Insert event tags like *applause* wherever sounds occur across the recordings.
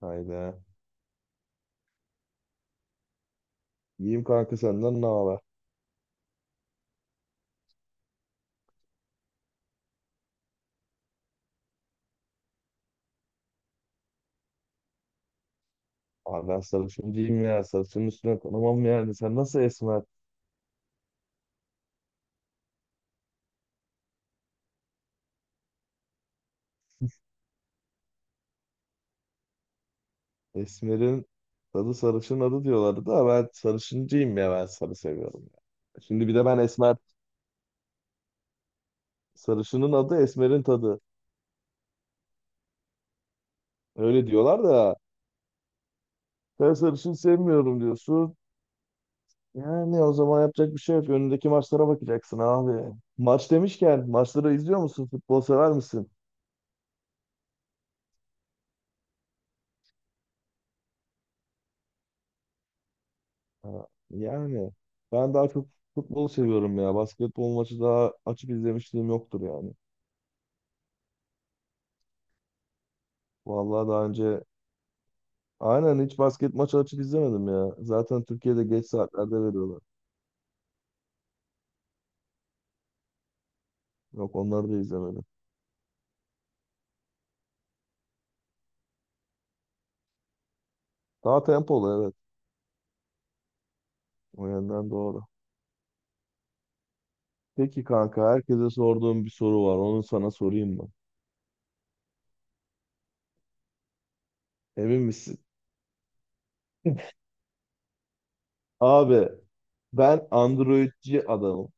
Hayda. İyiyim kanka, senden ne haber? Abi ben sarışın değilim ya. Sarışın üstüne konamam yani. Sen nasıl esmer? Esmer'in tadı sarışın adı diyorlardı da ben sarışıncıyım ya. Ben sarı seviyorum ya. Şimdi bir de ben esmer. Sarışının adı esmerin tadı. Öyle diyorlar da ben sarışın sevmiyorum diyorsun. Yani o zaman yapacak bir şey yok. Önündeki maçlara bakacaksın abi. Maç demişken maçları izliyor musun? Futbol sever misin? Ha, yani ben daha çok futbol seviyorum ya. Basketbol maçı daha açıp izlemişliğim yoktur yani. Vallahi daha önce aynen hiç basket maçı açıp izlemedim ya. Zaten Türkiye'de geç saatlerde veriyorlar. Yok, onları da izlemedim. Daha tempolu, evet. O yönden doğru. Peki kanka, herkese sorduğum bir soru var. Onu sana sorayım mı? Emin misin? Abi ben Android'ci adamım.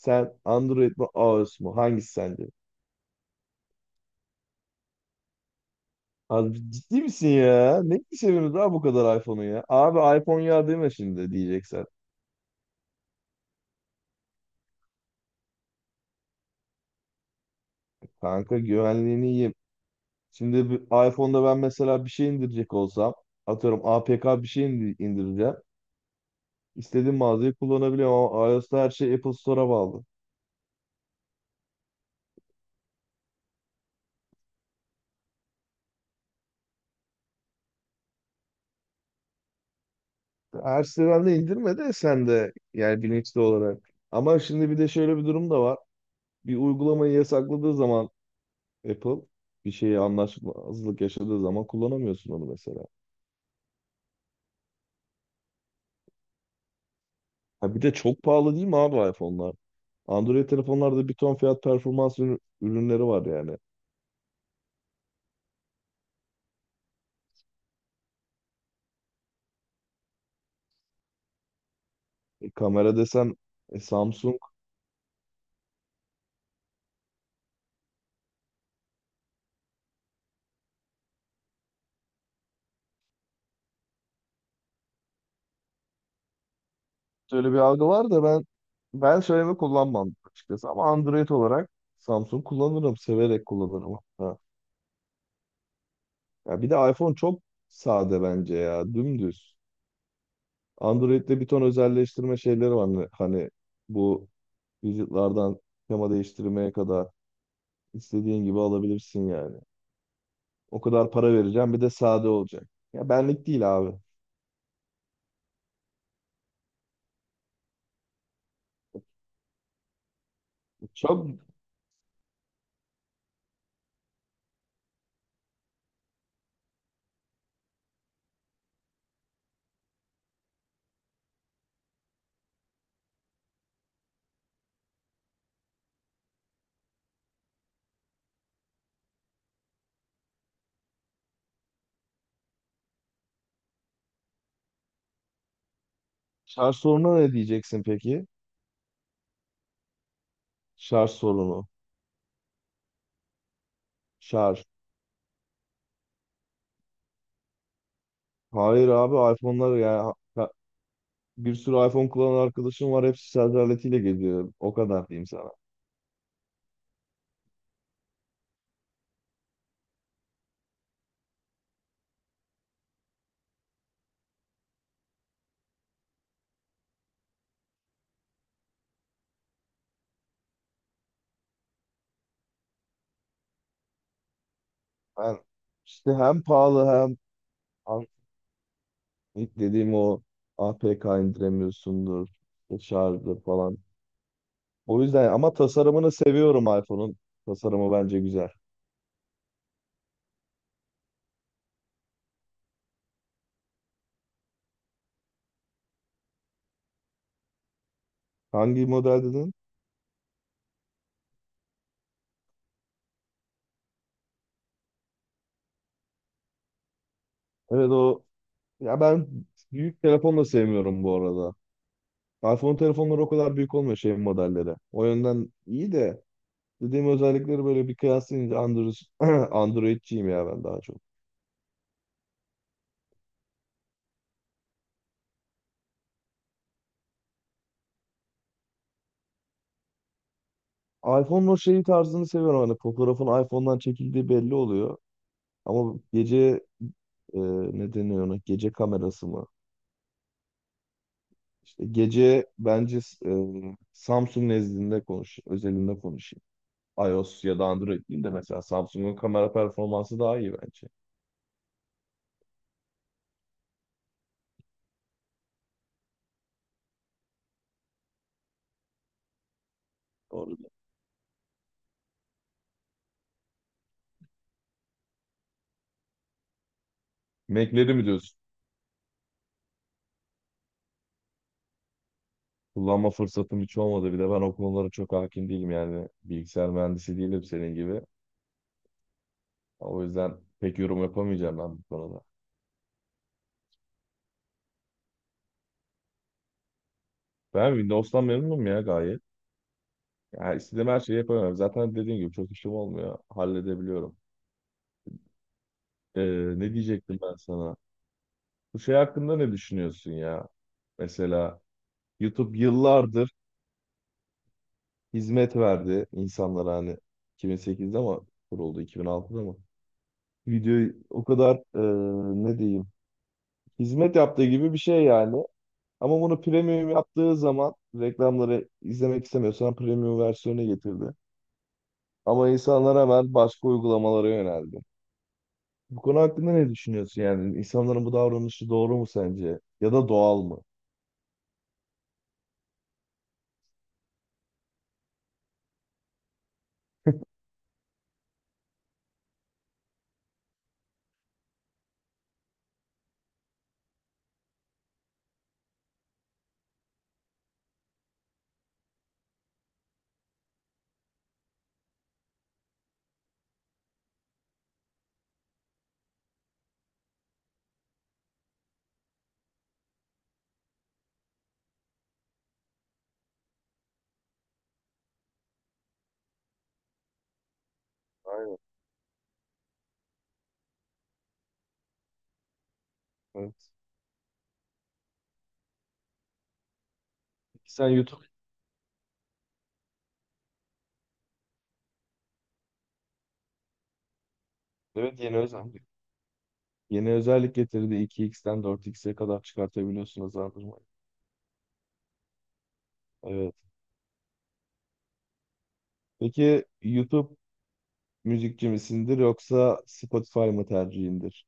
Sen Android mi iOS mu? Hangisi sence? Abi ciddi misin ya? Ne seviyorsunuz daha bu kadar iPhone'u ya? Abi iPhone ya deme şimdi diyeceksen. Kanka güvenliğini yiyeyim. Şimdi bir iPhone'da ben mesela bir şey indirecek olsam, atıyorum APK bir şey indireceğim. İstediğim mağazayı kullanabiliyorum ama iOS'ta her şey Apple Store'a bağlı. Her siteden de indirme de sen de yani bilinçli olarak. Ama şimdi bir de şöyle bir durum da var. Bir uygulamayı yasakladığı zaman Apple bir şeyi anlaşmazlık yaşadığı zaman kullanamıyorsun onu mesela. Ha, bir de çok pahalı değil mi abi iPhone'lar? Android telefonlarda bir ton fiyat performans ürünleri var yani. E, kamera desen, Samsung öyle bir algı var da ben söyleme kullanmam açıkçası, ama Android olarak Samsung kullanırım, severek kullanırım hatta. Ya bir de iPhone çok sade bence ya, dümdüz. Android'de bir ton özelleştirme şeyleri var, hani bu widget'lardan tema değiştirmeye kadar istediğin gibi alabilirsin yani. O kadar para vereceğim, bir de sade olacak. Ya benlik değil abi. Çok. Şarj sorununa ne diyeceksin peki? Şarj sorunu. Şarj. Hayır abi, iPhone'lar ya. Bir sürü iPhone kullanan arkadaşım var. Hepsi şarj aletiyle geliyor. O kadar diyeyim sana. Ben işte hem pahalı hem an- ilk dediğim o, APK indiremiyorsundur. İşte şarjı falan. O yüzden ama tasarımını seviyorum iPhone'un. Tasarımı bence güzel. Hangi model dedin? Evet ya ben büyük telefon da sevmiyorum bu arada. iPhone telefonları o kadar büyük olmuyor şey modelleri. O yönden iyi de, dediğim özellikleri böyle bir kıyaslayınca Android. *clears throat* Android'ciyim ya ben daha çok. iPhone'un o şeyi tarzını seviyorum. Hani fotoğrafın iPhone'dan çekildiği belli oluyor. Ama gece, e, ne deniyor ona? Gece kamerası mı? İşte gece bence, e, Samsung nezdinde özelinde konuşayım. iOS ya da Android değil de mesela Samsung'un kamera performansı daha iyi bence. Doğru. Mac'leri mi diyorsun? Kullanma fırsatım hiç olmadı. Bir de ben o konulara çok hakim değilim yani. Bilgisayar mühendisi değilim senin gibi. O yüzden pek yorum yapamayacağım ben bu konuda. Ben Windows'tan memnunum ya, gayet. Yani istediğim her şeyi yapamıyorum. Zaten dediğim gibi çok işim olmuyor. Halledebiliyorum. Ee, Ne diyecektim ben sana? Bu şey hakkında ne düşünüyorsun ya? Mesela YouTube yıllardır hizmet verdi insanlara, hani 2008'de, ama kuruldu 2006'da mı? Videoyu o kadar, ne diyeyim, hizmet yaptığı gibi bir şey yani. Ama bunu premium yaptığı zaman, reklamları izlemek istemiyorsan premium versiyonu getirdi. Ama insanlar hemen başka uygulamalara yöneldi. Bu konu hakkında ne düşünüyorsun yani? İnsanların bu davranışı doğru mu sence? Ya da doğal mı? Aynen. Evet. Peki sen YouTube. Evet, yeni özellik. Yeni özellik getirdi. 2x'ten 4x'e kadar çıkartabiliyorsun hızlandırmayı. Evet. Peki YouTube müzikçi misindir yoksa Spotify mı tercihindir?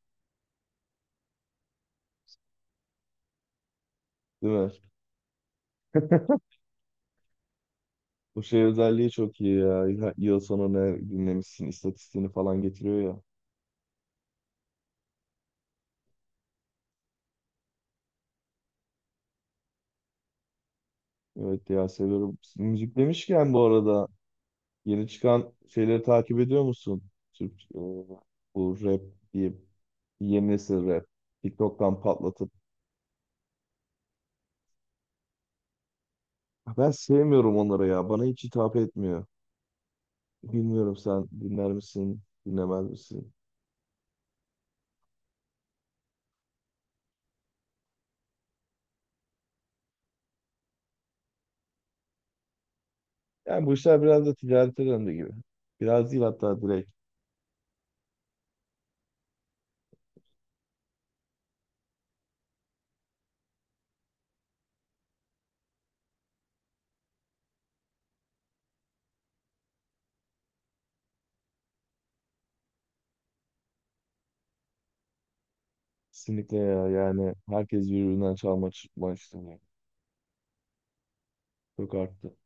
Değil mi? Bu şey özelliği çok iyi ya. Yıl sonu ne dinlemişsin istatistiğini falan getiriyor ya. Evet ya, seviyorum. Müzik demişken bu arada, yeni çıkan şeyleri takip ediyor musun? Türk, bu rap diye yeni nesil rap. TikTok'tan patlatıp. Ben sevmiyorum onları ya. Bana hiç hitap etmiyor. Bilmiyorum, sen dinler misin, dinlemez misin? Yani bu işler biraz da ticarete döndü gibi. Biraz değil, hatta direkt. Kesinlikle ya, yani herkes birbirinden çalma çıkma işte. Çok arttı.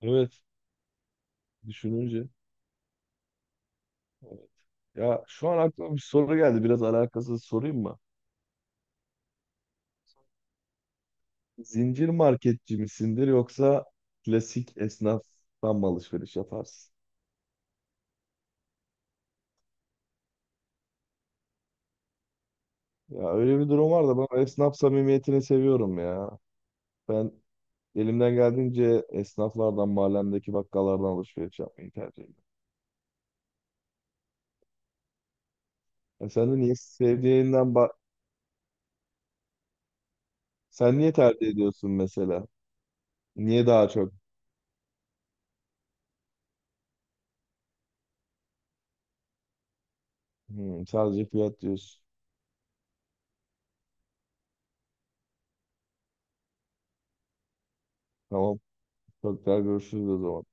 Evet. Düşününce. Evet. Ya şu an aklıma bir soru geldi. Biraz alakasız sorayım mı? Zincir marketçi misindir yoksa klasik esnaftan mı alışveriş yaparsın? Ya öyle bir durum var da ben esnaf samimiyetini seviyorum ya. Ben elimden geldiğince esnaflardan, mahallemdeki bakkallardan alışveriş yapmayı tercih ediyorum. Ya sen de niye sevdiğinden bak... Sen niye tercih ediyorsun mesela? Niye daha çok? Hmm, sadece fiyat diyorsun. Tamam. Çok daha görüşürüz o zaman.